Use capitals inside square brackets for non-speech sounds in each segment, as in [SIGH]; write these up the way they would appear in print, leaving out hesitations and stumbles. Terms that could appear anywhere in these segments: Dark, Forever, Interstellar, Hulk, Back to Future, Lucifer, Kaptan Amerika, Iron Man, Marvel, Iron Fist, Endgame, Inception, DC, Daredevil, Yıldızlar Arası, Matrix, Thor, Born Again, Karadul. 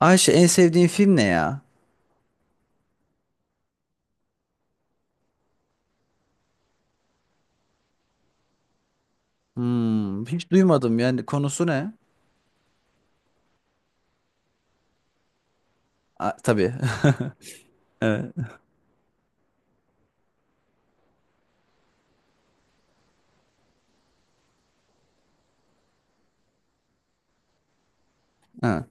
Ayşe, en sevdiğin film ne ya? Hmm, hiç duymadım, yani konusu ne? A, tabii. [LAUGHS] Evet. Ha.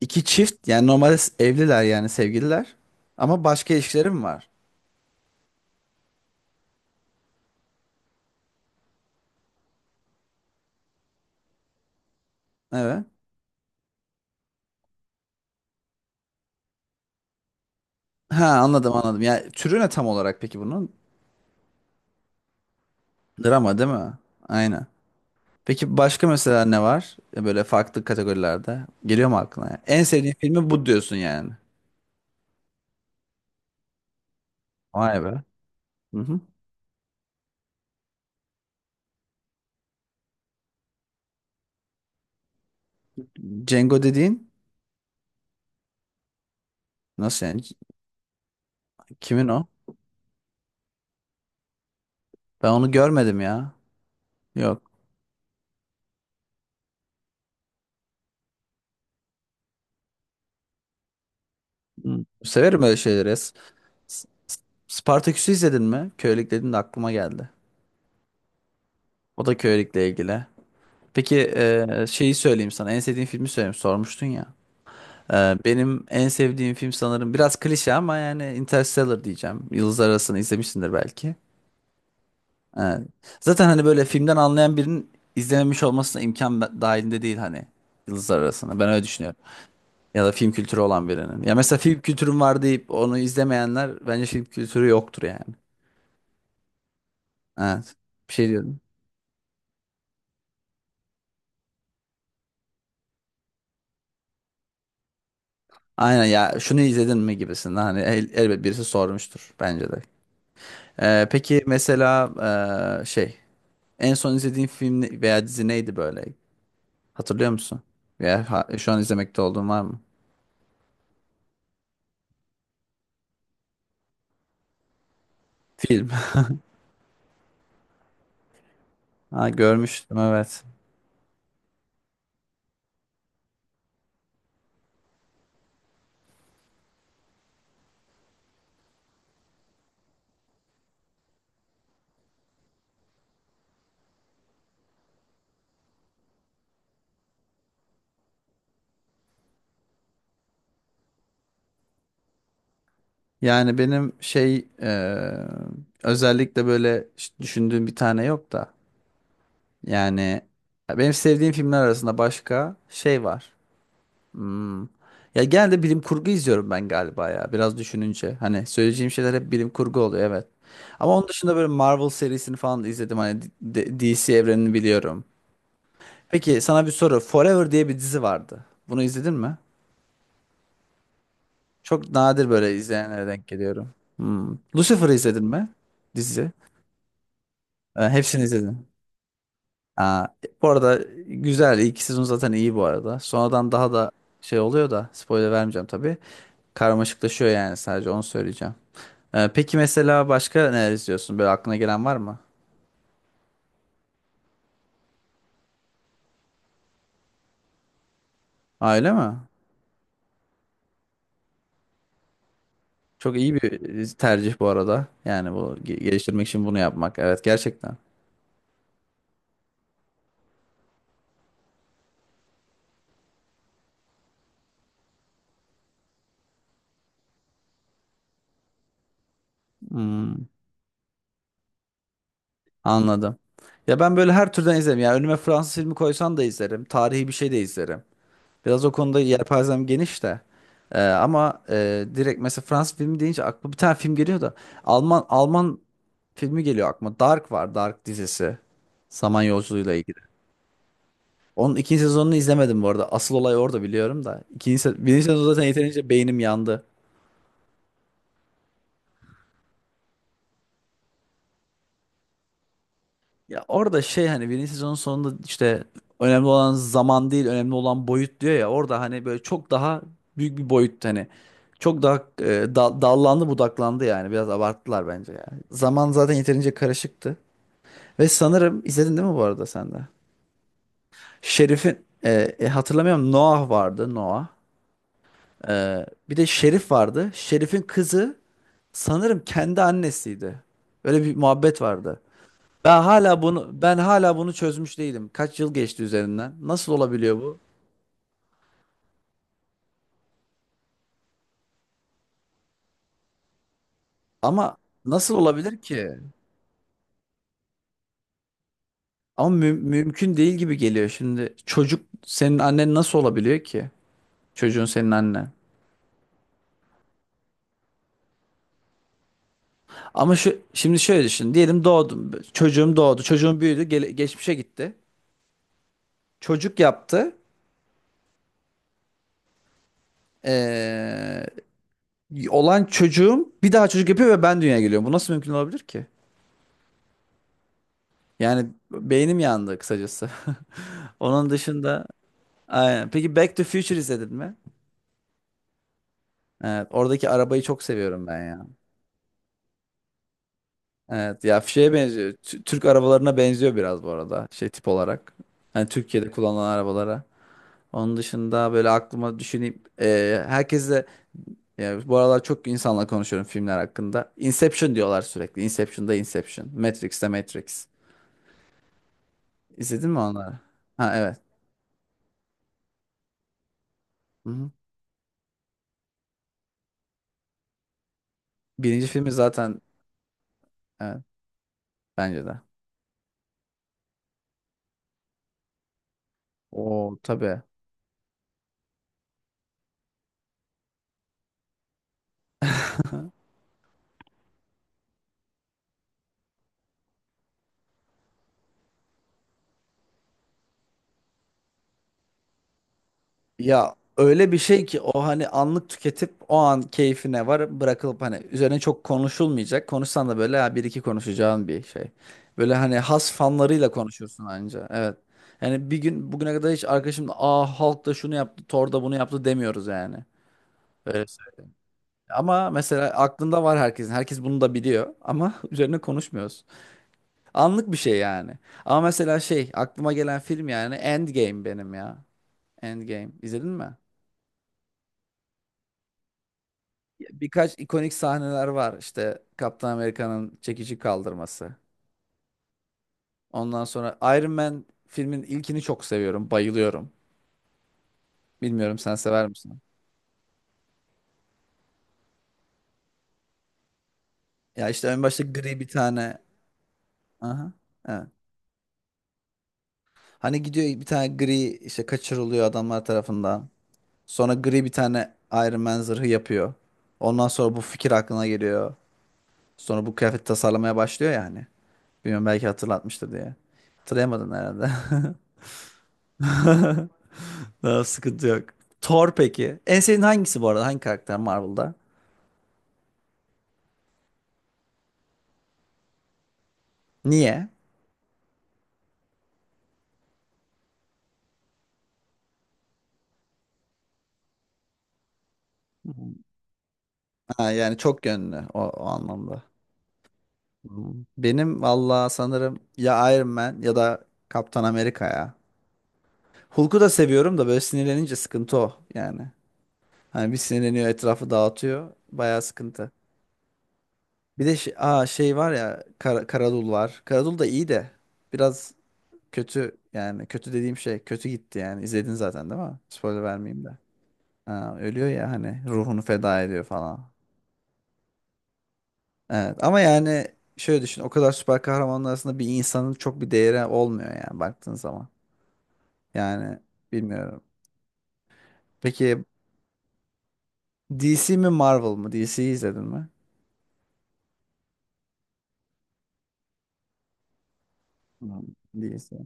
İki çift, yani normalde evliler, yani sevgililer ama başka ilişkileri mi var? Evet. Ha, anladım anladım. Yani türü ne tam olarak peki bunun? Drama değil mi? Aynen. Peki başka mesela ne var? Böyle farklı kategorilerde. Geliyor mu aklına ya? En sevdiğin filmi bu diyorsun yani. Vay be. Hı hı. Django dediğin nasıl yani? Kimin o? Ben onu görmedim ya. Yok. Hı. Severim öyle şeyleri ya. S- Spartaküs'ü izledin mi? Kölelik dedin de aklıma geldi. O da kölelikle ilgili. Peki, şeyi söyleyeyim sana. En sevdiğin filmi söyleyeyim. Sormuştun ya. E, benim en sevdiğim film, sanırım biraz klişe ama, yani Interstellar diyeceğim. Yıldızlar Arası'nı izlemişsindir belki. E, Zaten hani böyle filmden anlayan birinin izlememiş olmasına imkan dahilinde değil hani. Yıldızlar Arası'nı. Ben öyle düşünüyorum. Ya da film kültürü olan birinin. Ya mesela film kültürüm var deyip onu izlemeyenler bence film kültürü yoktur yani. Evet. Bir şey diyordum. Aynen, ya şunu izledin mi gibisinden hani elbet birisi sormuştur bence de. Peki mesela ee, şey en son izlediğin film veya dizi neydi böyle? Hatırlıyor musun? Veya şu an izlemekte olduğun var mı? Film. [LAUGHS] Ha, görmüştüm, evet. Yani benim şey, özellikle böyle düşündüğüm bir tane yok da, yani benim sevdiğim filmler arasında başka şey var. Hmm. Ya genelde bilim kurgu izliyorum ben galiba ya. Biraz düşününce. Hani söyleyeceğim şeyler hep bilim kurgu oluyor, evet. Ama onun dışında böyle Marvel serisini falan da izledim. Hani DC evrenini biliyorum. Peki sana bir soru. Forever diye bir dizi vardı. Bunu izledin mi? Çok nadir böyle izleyenlere denk geliyorum. Hmm. Lucifer'ı izledin mi? Dizi. Hepsini izledim. Aa, bu arada güzel. İlk sezon zaten iyi bu arada. Sonradan daha da şey oluyor da spoiler vermeyeceğim tabii. Karmaşıklaşıyor, yani sadece onu söyleyeceğim. Peki mesela başka neler izliyorsun? Böyle aklına gelen var mı? Ha, öyle mi? Çok iyi bir tercih bu arada. Yani bu geliştirmek için bunu yapmak. Evet, gerçekten. Hmm, anladım. Ya ben böyle her türden izlerim. Ya önüme Fransız filmi koysan da izlerim. Tarihi bir şey de izlerim. Biraz o konuda yelpazem geniş de. Ama direkt mesela Fransız filmi deyince aklıma bir tane film geliyor da Alman filmi geliyor aklıma. Dark var. Dark dizisi. Zaman yolculuğuyla ilgili. Onun ikinci sezonunu izlemedim bu arada. Asıl olay orada, biliyorum da. İkinci se birinci sezon zaten yeterince beynim yandı. Ya orada şey, hani birinci sezonun sonunda işte önemli olan zaman değil, önemli olan boyut diyor ya. Orada hani böyle çok daha büyük bir boyut hani. Çok daha dallandı budaklandı yani. Biraz abarttılar bence ya. Zaman zaten yeterince karışıktı. Ve sanırım izledin değil mi bu arada sen de? Şerif'in, hatırlamıyorum, Noah vardı, Noah. Bir de Şerif vardı. Şerif'in kızı, sanırım kendi annesiydi. Öyle bir muhabbet vardı. Ben hala bunu çözmüş değilim. Kaç yıl geçti üzerinden? Nasıl olabiliyor bu? Ama nasıl olabilir ki? Ama mümkün değil gibi geliyor şimdi. Çocuk senin annen nasıl olabiliyor ki? Çocuğun senin annen. Ama şu, şimdi şöyle düşün. Diyelim doğdum. Çocuğum doğdu. Çocuğum büyüdü. Geçmişe gitti. Çocuk yaptı. Ee, olan çocuğum bir daha çocuk yapıyor ve ben dünyaya geliyorum. Bu nasıl mümkün olabilir ki? Yani beynim yandı kısacası. [LAUGHS] Onun dışında aynen. Peki Back to Future izledin mi? Evet, oradaki arabayı çok seviyorum ben ya. Evet ya, şeye benziyor. Türk arabalarına benziyor biraz bu arada, şey tip olarak. Hani Türkiye'de kullanılan arabalara. Onun dışında böyle aklıma düşüneyim. Herkese, ya bu aralar çok insanla konuşuyorum filmler hakkında. Inception diyorlar sürekli. Inception'da Inception. Matrix'te Matrix. İzledin mi onları? Ha, evet. Hı hı. Birinci filmi zaten, evet, bence de. O tabii. [LAUGHS] Ya öyle bir şey ki o, hani anlık tüketip o an keyfine var bırakılıp hani üzerine çok konuşulmayacak. Konuşsan da böyle ha, bir iki konuşacağın bir şey. Böyle hani has fanlarıyla konuşursun anca. Evet. Yani bir gün bugüne kadar hiç arkadaşımla aa Hulk da şunu yaptı, Thor da bunu yaptı demiyoruz yani. Öyle söyleyeyim. Ama mesela aklında var herkesin. Herkes bunu da biliyor ama [LAUGHS] üzerine konuşmuyoruz. Anlık bir şey yani. Ama mesela şey aklıma gelen film, yani Endgame benim ya. Endgame. İzledin mi? Ya, birkaç ikonik sahneler var. İşte Kaptan Amerika'nın çekici kaldırması. Ondan sonra Iron Man filmin ilkini çok seviyorum. Bayılıyorum. Bilmiyorum, sen sever misin? Ya işte en başta gri bir tane. Aha. Evet. Hani gidiyor bir tane gri, işte kaçırılıyor adamlar tarafından. Sonra gri bir tane Iron Man zırhı yapıyor. Ondan sonra bu fikir aklına geliyor. Sonra bu kıyafet tasarlamaya başlıyor yani. Bilmiyorum, belki hatırlatmıştır diye. Hatırlayamadın herhalde. [LAUGHS] Daha sıkıntı yok. Thor peki. En sevdiğin hangisi bu arada? Hangi karakter Marvel'da? Niye? Ha, yani çok yönlü o, o anlamda. Hmm. Benim valla sanırım ya Iron Man ya da Kaptan Amerika ya. Hulk'u da seviyorum da böyle sinirlenince sıkıntı o yani. Hani bir sinirleniyor, etrafı dağıtıyor. Bayağı sıkıntı. Bir de şey, aa, şey var ya, Karadul var. Karadul da iyi de biraz kötü, yani kötü dediğim şey kötü gitti yani. İzledin zaten değil mi? Spoiler vermeyeyim de. Ha, ölüyor ya hani, ruhunu feda ediyor falan. Evet ama yani şöyle düşün, o kadar süper kahramanlar arasında bir insanın çok bir değeri olmuyor yani baktığın zaman. Yani bilmiyorum. Peki DC mi Marvel mı? DC'yi izledin mi? Hmm, DC.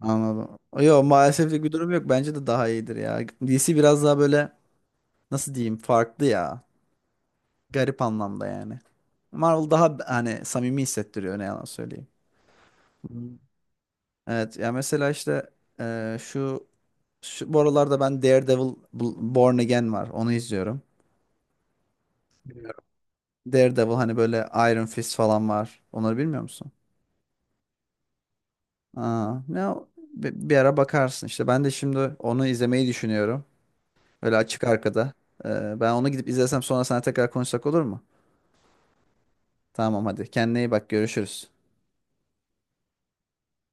Anladım. Yok, maalesef bir durum yok. Bence de daha iyidir ya. DC biraz daha böyle, nasıl diyeyim, farklı ya. Garip anlamda yani. Marvel daha hani samimi hissettiriyor, ne yalan söyleyeyim. Hmm. Evet ya, mesela işte e, şu bu aralarda ben Daredevil B- Born Again var. Onu izliyorum. Bilmiyorum. Daredevil hani böyle Iron Fist falan var. Onları bilmiyor musun? Aa, ne bir, ara bakarsın işte. Ben de şimdi onu izlemeyi düşünüyorum. Öyle açık arkada. Ben onu gidip izlesem sonra sana tekrar konuşsak olur mu? Tamam hadi. Kendine iyi bak. Görüşürüz.